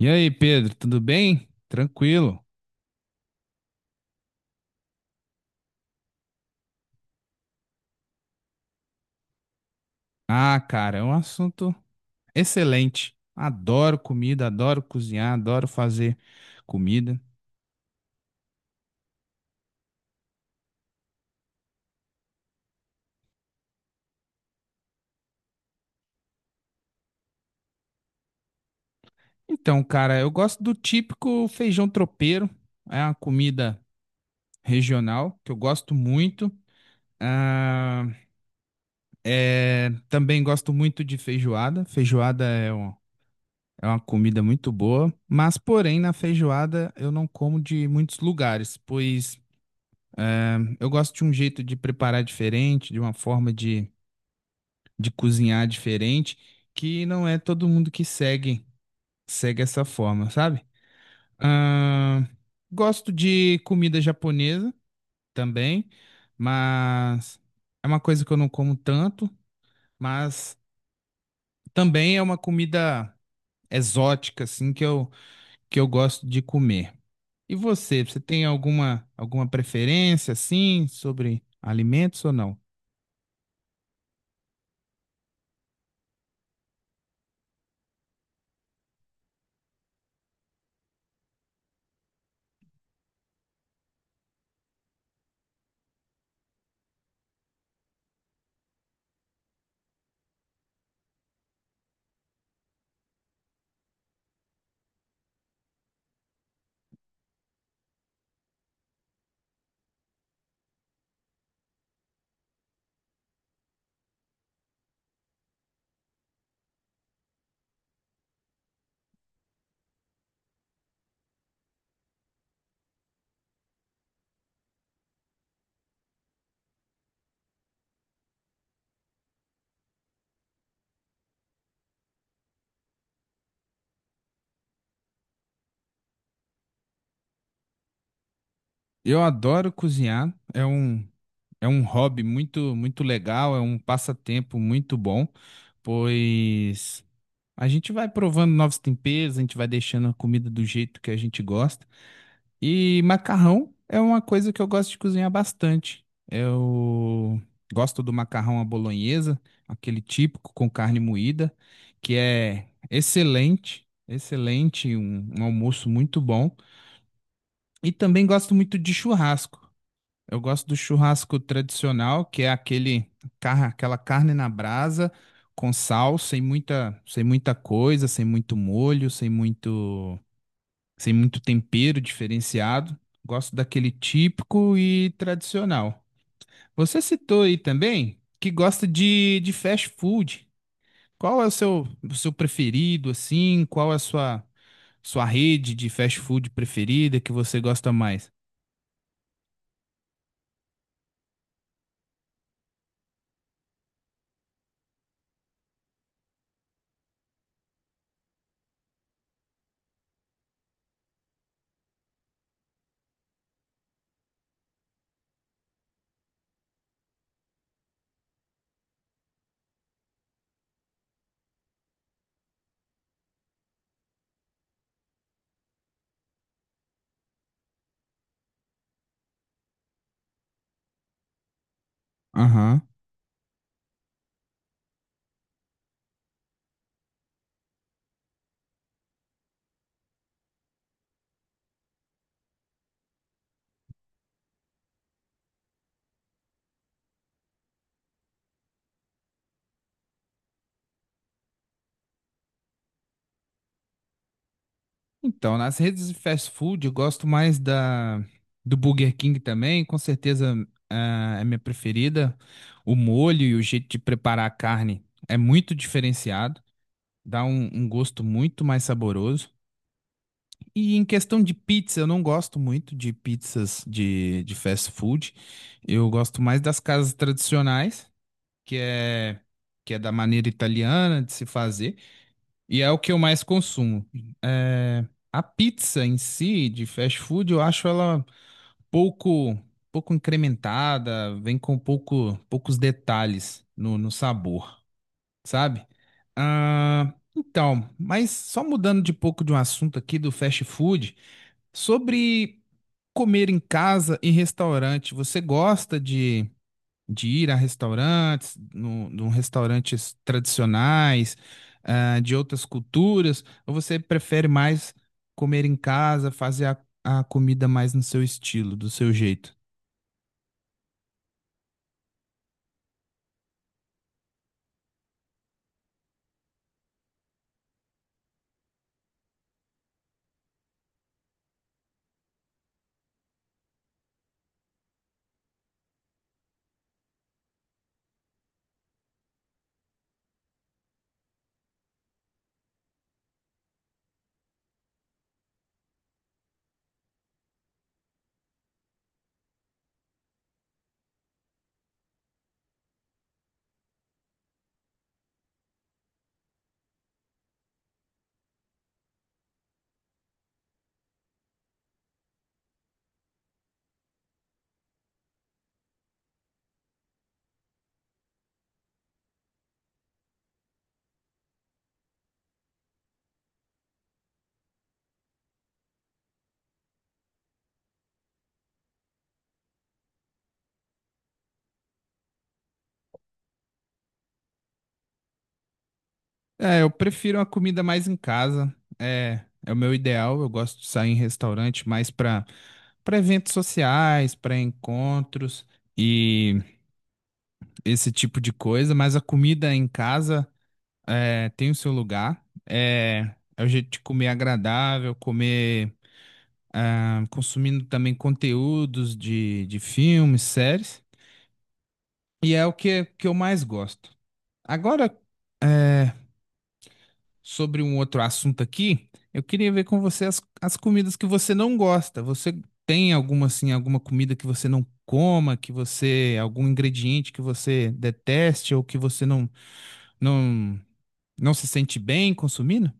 E aí, Pedro, tudo bem? Tranquilo? Ah, cara, é um assunto excelente. Adoro comida, adoro cozinhar, adoro fazer comida. Então, cara, eu gosto do típico feijão tropeiro. É uma comida regional que eu gosto muito. Ah, é, também gosto muito de feijoada. É uma comida muito boa, mas porém na feijoada eu não como de muitos lugares, pois eu gosto de um jeito de preparar diferente, de uma forma de cozinhar diferente, que não é todo mundo que segue, segue essa forma, sabe? Ahn, Gosto de comida japonesa também, mas é uma coisa que eu não como tanto, mas também é uma comida exótica, assim, que eu gosto de comer. E você, você tem alguma, alguma preferência, assim, sobre alimentos ou não? Eu adoro cozinhar, é um hobby muito, muito legal, é um passatempo muito bom, pois a gente vai provando novos temperos, a gente vai deixando a comida do jeito que a gente gosta. E macarrão é uma coisa que eu gosto de cozinhar bastante. Eu gosto do macarrão à bolonhesa, aquele típico com carne moída, que é excelente, excelente, um almoço muito bom. E também gosto muito de churrasco. Eu gosto do churrasco tradicional, que é aquele, car- Aquela carne na brasa com sal, sem muita coisa, sem muito molho, sem muito tempero diferenciado. Gosto daquele típico e tradicional. Você citou aí também que gosta de fast food. Qual é o seu preferido, assim? Qual é sua rede de fast food preferida que você gosta mais? Aham. Então, nas redes de fast food, eu gosto mais da do Burger King também, com certeza, ah, é minha preferida. O molho e o jeito de preparar a carne é muito diferenciado, dá um gosto muito mais saboroso. E em questão de pizza, eu não gosto muito de pizzas de fast food. Eu gosto mais das casas tradicionais, que é que é da maneira italiana de se fazer. E é o que eu mais consumo. É, a pizza em si, de fast food, eu acho ela pouco, pouco incrementada, vem com pouco, poucos detalhes no sabor, sabe? Ah, então, mas só mudando de pouco de um assunto aqui do fast food, sobre comer em casa e restaurante, você gosta de ir a restaurantes, no restaurantes tradicionais, ah, de outras culturas, ou você prefere mais comer em casa, a comida mais no seu estilo, do seu jeito? É, eu prefiro a comida mais em casa, é, é o meu ideal, eu gosto de sair em restaurante mais para eventos sociais, para encontros e esse tipo de coisa, mas a comida em casa é, tem o seu lugar. É, é o jeito de comer agradável, comer, ah, consumindo também conteúdos de filmes, séries. E é que eu mais gosto. Agora, é, sobre um outro assunto aqui, eu queria ver com você as comidas que você não gosta. Você tem alguma, assim, alguma comida que você não coma, que você, algum ingrediente que você deteste ou que você não, não se sente bem consumindo?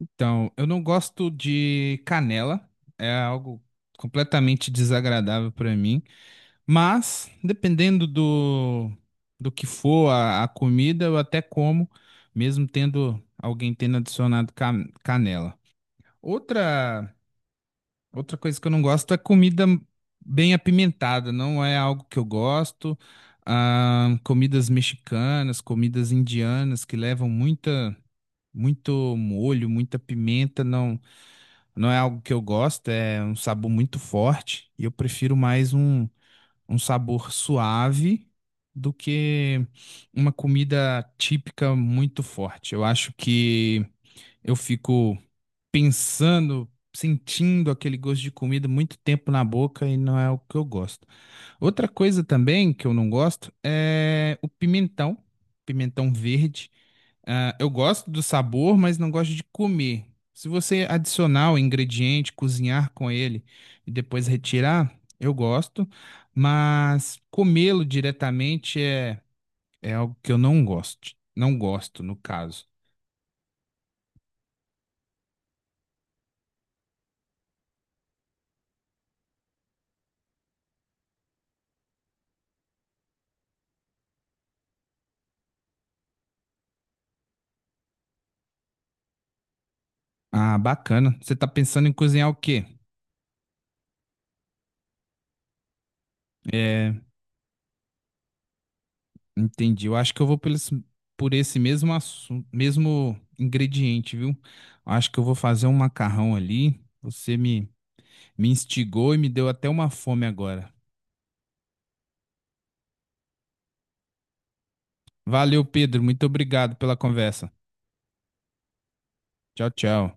Então, eu não gosto de canela, é algo completamente desagradável para mim, mas dependendo do que for a comida, eu até como, mesmo tendo alguém tendo adicionado canela. Outra, Outra coisa que eu não gosto é comida bem apimentada, não é algo que eu gosto. Ah, comidas mexicanas, comidas indianas que levam muito molho, muita pimenta, não. Não é algo que eu gosto, é um sabor muito forte e eu prefiro mais um sabor suave do que uma comida típica muito forte. Eu acho que eu fico pensando, sentindo aquele gosto de comida muito tempo na boca e não é o que eu gosto. Outra coisa também que eu não gosto é o pimentão, pimentão verde. Ah, eu gosto do sabor, mas não gosto de comer. Se você adicionar o ingrediente, cozinhar com ele e depois retirar, eu gosto, mas comê-lo diretamente é, é algo que eu não gosto. Não gosto, no caso. Ah, bacana. Você está pensando em cozinhar o quê? É, entendi. Eu acho que eu vou pelo, por esse mesmo assunto, mesmo ingrediente, viu? Acho que eu vou fazer um macarrão ali. Me instigou e me deu até uma fome agora. Valeu, Pedro. Muito obrigado pela conversa. Tchau, tchau.